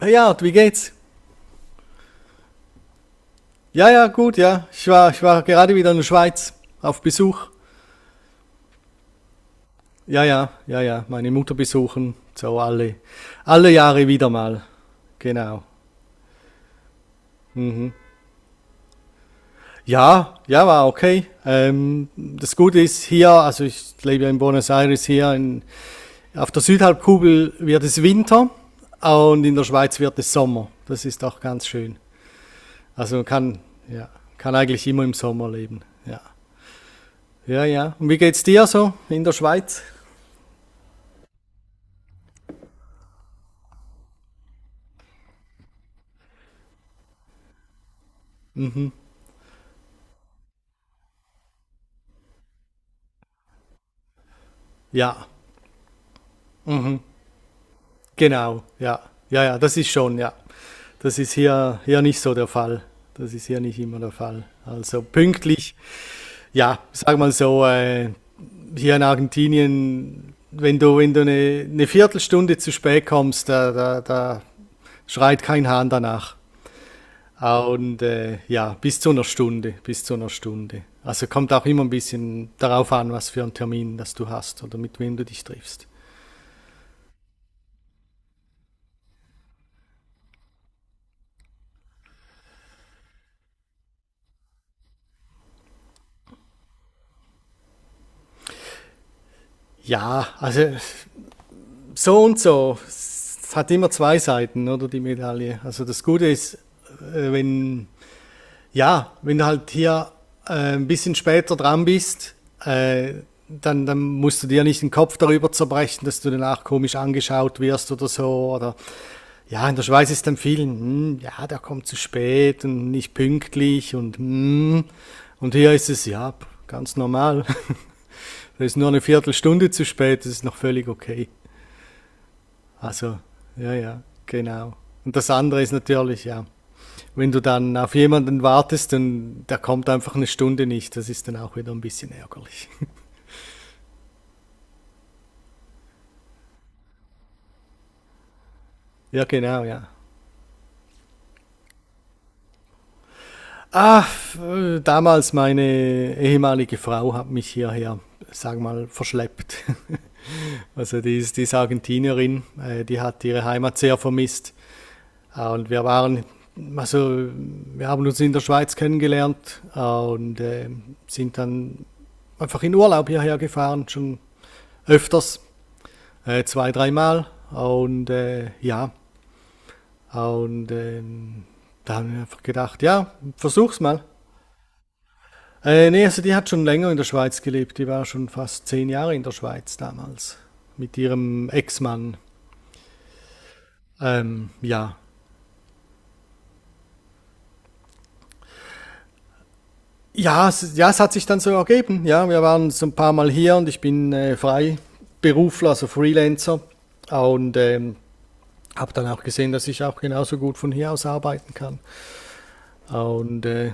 Hey Art, wie geht's? Ja, ja, gut, ja. Ich war gerade wieder in der Schweiz auf Besuch. Ja, ja, ja, ja. Meine Mutter besuchen. So alle Jahre wieder mal. Genau. Mhm. Ja, ja, war okay. Das Gute ist hier, also ich lebe ja in Buenos Aires hier, auf der Südhalbkugel wird es Winter und in der Schweiz wird es Sommer. Das ist auch ganz schön. Also man kann, ja, kann eigentlich immer im Sommer leben. Ja. Ja, ja. Und wie geht's dir so in der Schweiz? Ja, genau. Ja, ja, ja, das ist schon, ja. Das ist hier, nicht so der Fall. Das ist hier nicht immer der Fall. Also pünktlich, ja, sag mal so, hier in Argentinien, wenn du, wenn du eine, Viertelstunde zu spät kommst, da schreit kein Hahn danach. Ah, und ja, bis zu einer Stunde, bis zu einer Stunde. Also kommt auch immer ein bisschen darauf an, was für einen Termin das du hast oder mit wem du dich triffst. Ja, also so und so. Es hat immer zwei Seiten, oder die Medaille. Also das Gute ist, wenn ja, wenn du halt hier ein bisschen später dran bist, äh, dann musst du dir nicht den Kopf darüber zerbrechen, dass du danach komisch angeschaut wirst oder so. Oder ja, in der Schweiz ist dann vielen, hm, ja, der kommt zu spät und nicht pünktlich und hm. Und hier ist es, ja, ganz normal. Da ist nur eine Viertelstunde zu spät, das ist noch völlig okay. Also, ja, ja, genau. Und das andere ist natürlich, ja, wenn du dann auf jemanden wartest und der kommt einfach eine Stunde nicht, das ist dann auch wieder ein bisschen ärgerlich. Ja, genau, ja. Ah, damals meine ehemalige Frau hat mich hierher, sag mal, verschleppt. Also die ist Argentinierin, die hat ihre Heimat sehr vermisst. Und wir waren, also wir haben uns in der Schweiz kennengelernt, und sind dann einfach in Urlaub hierher gefahren, schon öfters, zwei, dreimal. Und ja, und da haben wir einfach gedacht, ja, versuch's mal. Nee, also die hat schon länger in der Schweiz gelebt. Die war schon fast 10 Jahre in der Schweiz damals mit ihrem Ex-Mann. Ja, ja, es, ja, es hat sich dann so ergeben. Ja, wir waren so ein paar Mal hier und ich bin Freiberufler, also Freelancer. Und habe dann auch gesehen, dass ich auch genauso gut von hier aus arbeiten kann. Und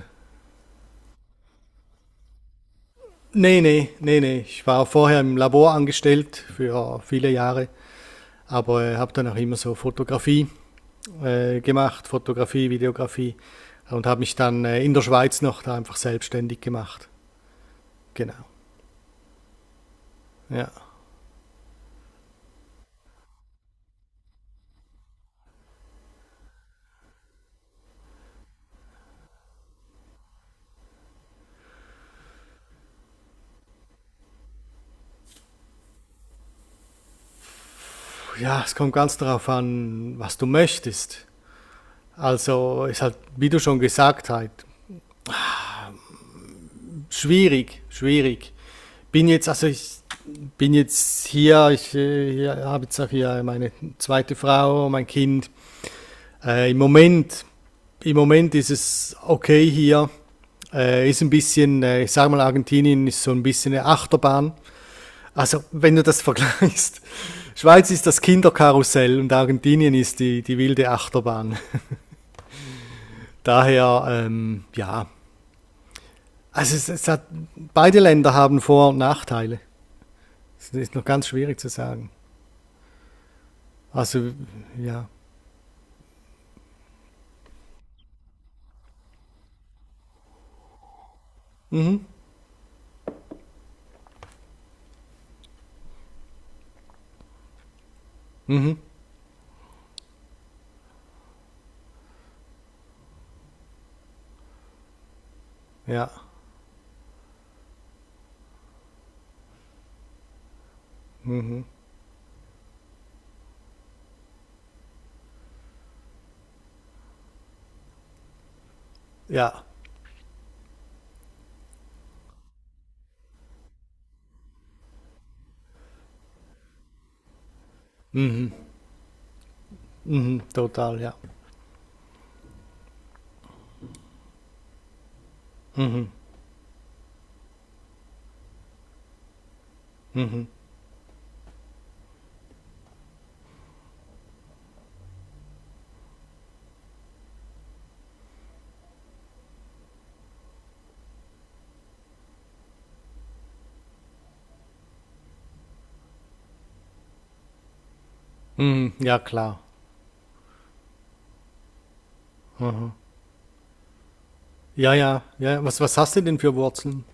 nee, nee, nee, nee. Ich war vorher im Labor angestellt für viele Jahre, aber habe dann auch immer so Fotografie gemacht, Fotografie, Videografie und habe mich dann in der Schweiz noch da einfach selbstständig gemacht. Genau, ja. Ja, es kommt ganz darauf an, was du möchtest. Also ist halt, wie du schon gesagt hast, schwierig, schwierig. Also ich bin jetzt hier, habe jetzt auch hier meine zweite Frau, mein Kind. Äh, Im Moment, im Moment ist es okay hier. Ist ein bisschen, ich sag mal, Argentinien ist so ein bisschen eine Achterbahn. Also wenn du das vergleichst, Schweiz ist das Kinderkarussell und Argentinien ist die wilde Achterbahn. Daher, ja, also es hat, beide Länder haben Vor- und Nachteile. Es ist noch ganz schwierig zu sagen. Also, ja. Mhm, mhm, ja, ja, mhm, total, ja. Mhm, mhm, ja, klar. Mhm. Ja, ja, ja, was hast du denn für Wurzeln?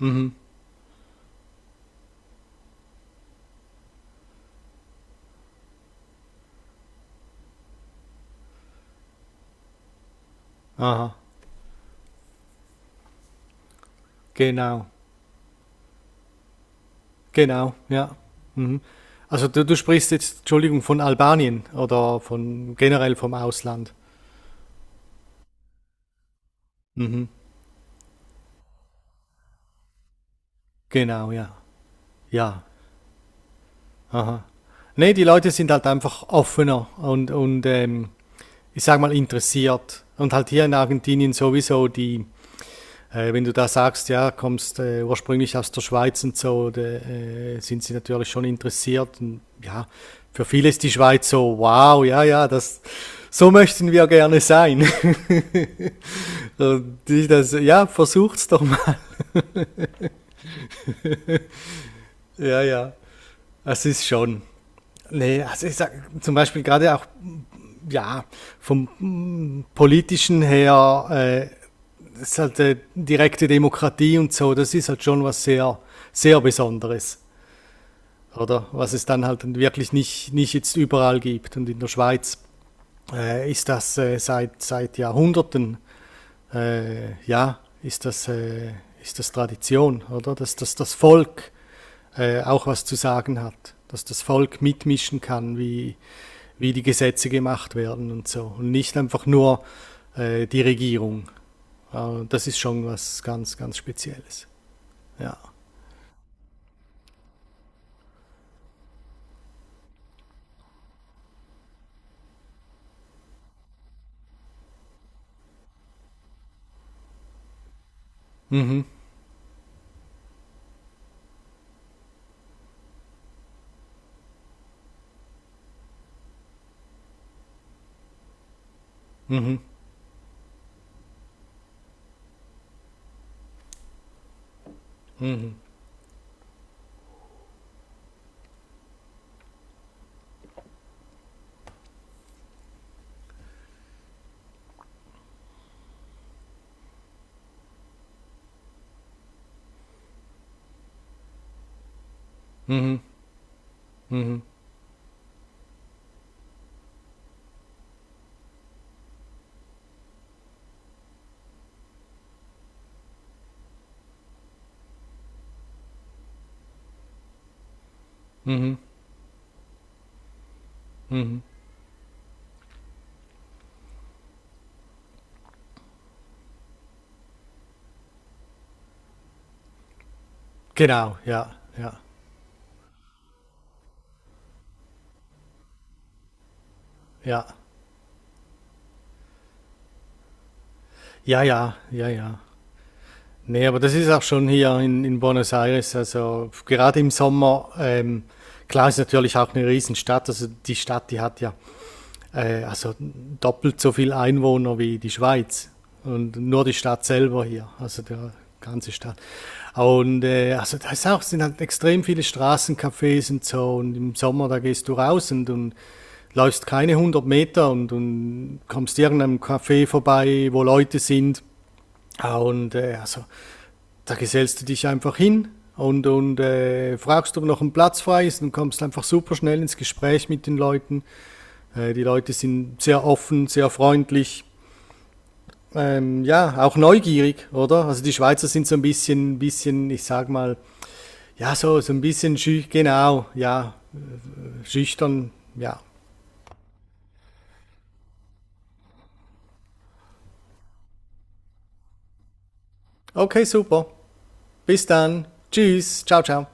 Mhm, aha, genau, genau, ja. Mhm. Also du sprichst jetzt, Entschuldigung, von Albanien oder von generell vom Ausland. Mhm, genau, ja, ja, aha. Nee, die Leute sind halt einfach offener und ich sag mal interessiert. Und halt hier in Argentinien sowieso die, wenn du da sagst, ja, kommst ursprünglich aus der Schweiz und so, da, sind sie natürlich schon interessiert. Und, ja, für viele ist die Schweiz so, wow, ja, ja, das, so möchten wir gerne sein. Und die das, ja, versucht's doch mal. Ja, ja, es ist schon. Nee, also ich sag, zum Beispiel gerade auch ja, vom politischen her, ist halt direkte Demokratie und so, das ist halt schon was sehr, sehr Besonderes, oder? Was es dann halt wirklich nicht, nicht jetzt überall gibt. Und in der Schweiz ist das seit Jahrhunderten ja, ist das Tradition, oder? Dass das Volk auch was zu sagen hat, dass das Volk mitmischen kann, wie die Gesetze gemacht werden und so. Und nicht einfach nur die Regierung. Das ist schon was ganz, ganz Spezielles. Ja. Mhm, mhm, mhm, mhm, mhm, mhm, mhm. Genau, ja, ja, ja. Ja, ja, ja, ja. Nee, aber das ist auch schon hier in Buenos Aires. Also gerade im Sommer, klar ist natürlich auch eine Riesenstadt. Also die Stadt, die hat ja also doppelt so viel Einwohner wie die Schweiz. Und nur die Stadt selber hier, also der ganze Stadt. Und also da ist auch, sind halt extrem viele Straßencafés und so. Und im Sommer, da gehst du raus und läufst keine 100 Meter und kommst irgendeinem Café vorbei, wo Leute sind. Ah, und also da gesellst du dich einfach hin und fragst, ob noch ein Platz frei ist und kommst einfach super schnell ins Gespräch mit den Leuten. Die Leute sind sehr offen, sehr freundlich. Ja, auch neugierig, oder? Also die Schweizer sind so ein bisschen, bisschen, ich sag mal, ja, so ein bisschen genau, ja, schüchtern, ja. Okay, super. Bis dann. Tschüss. Ciao, ciao.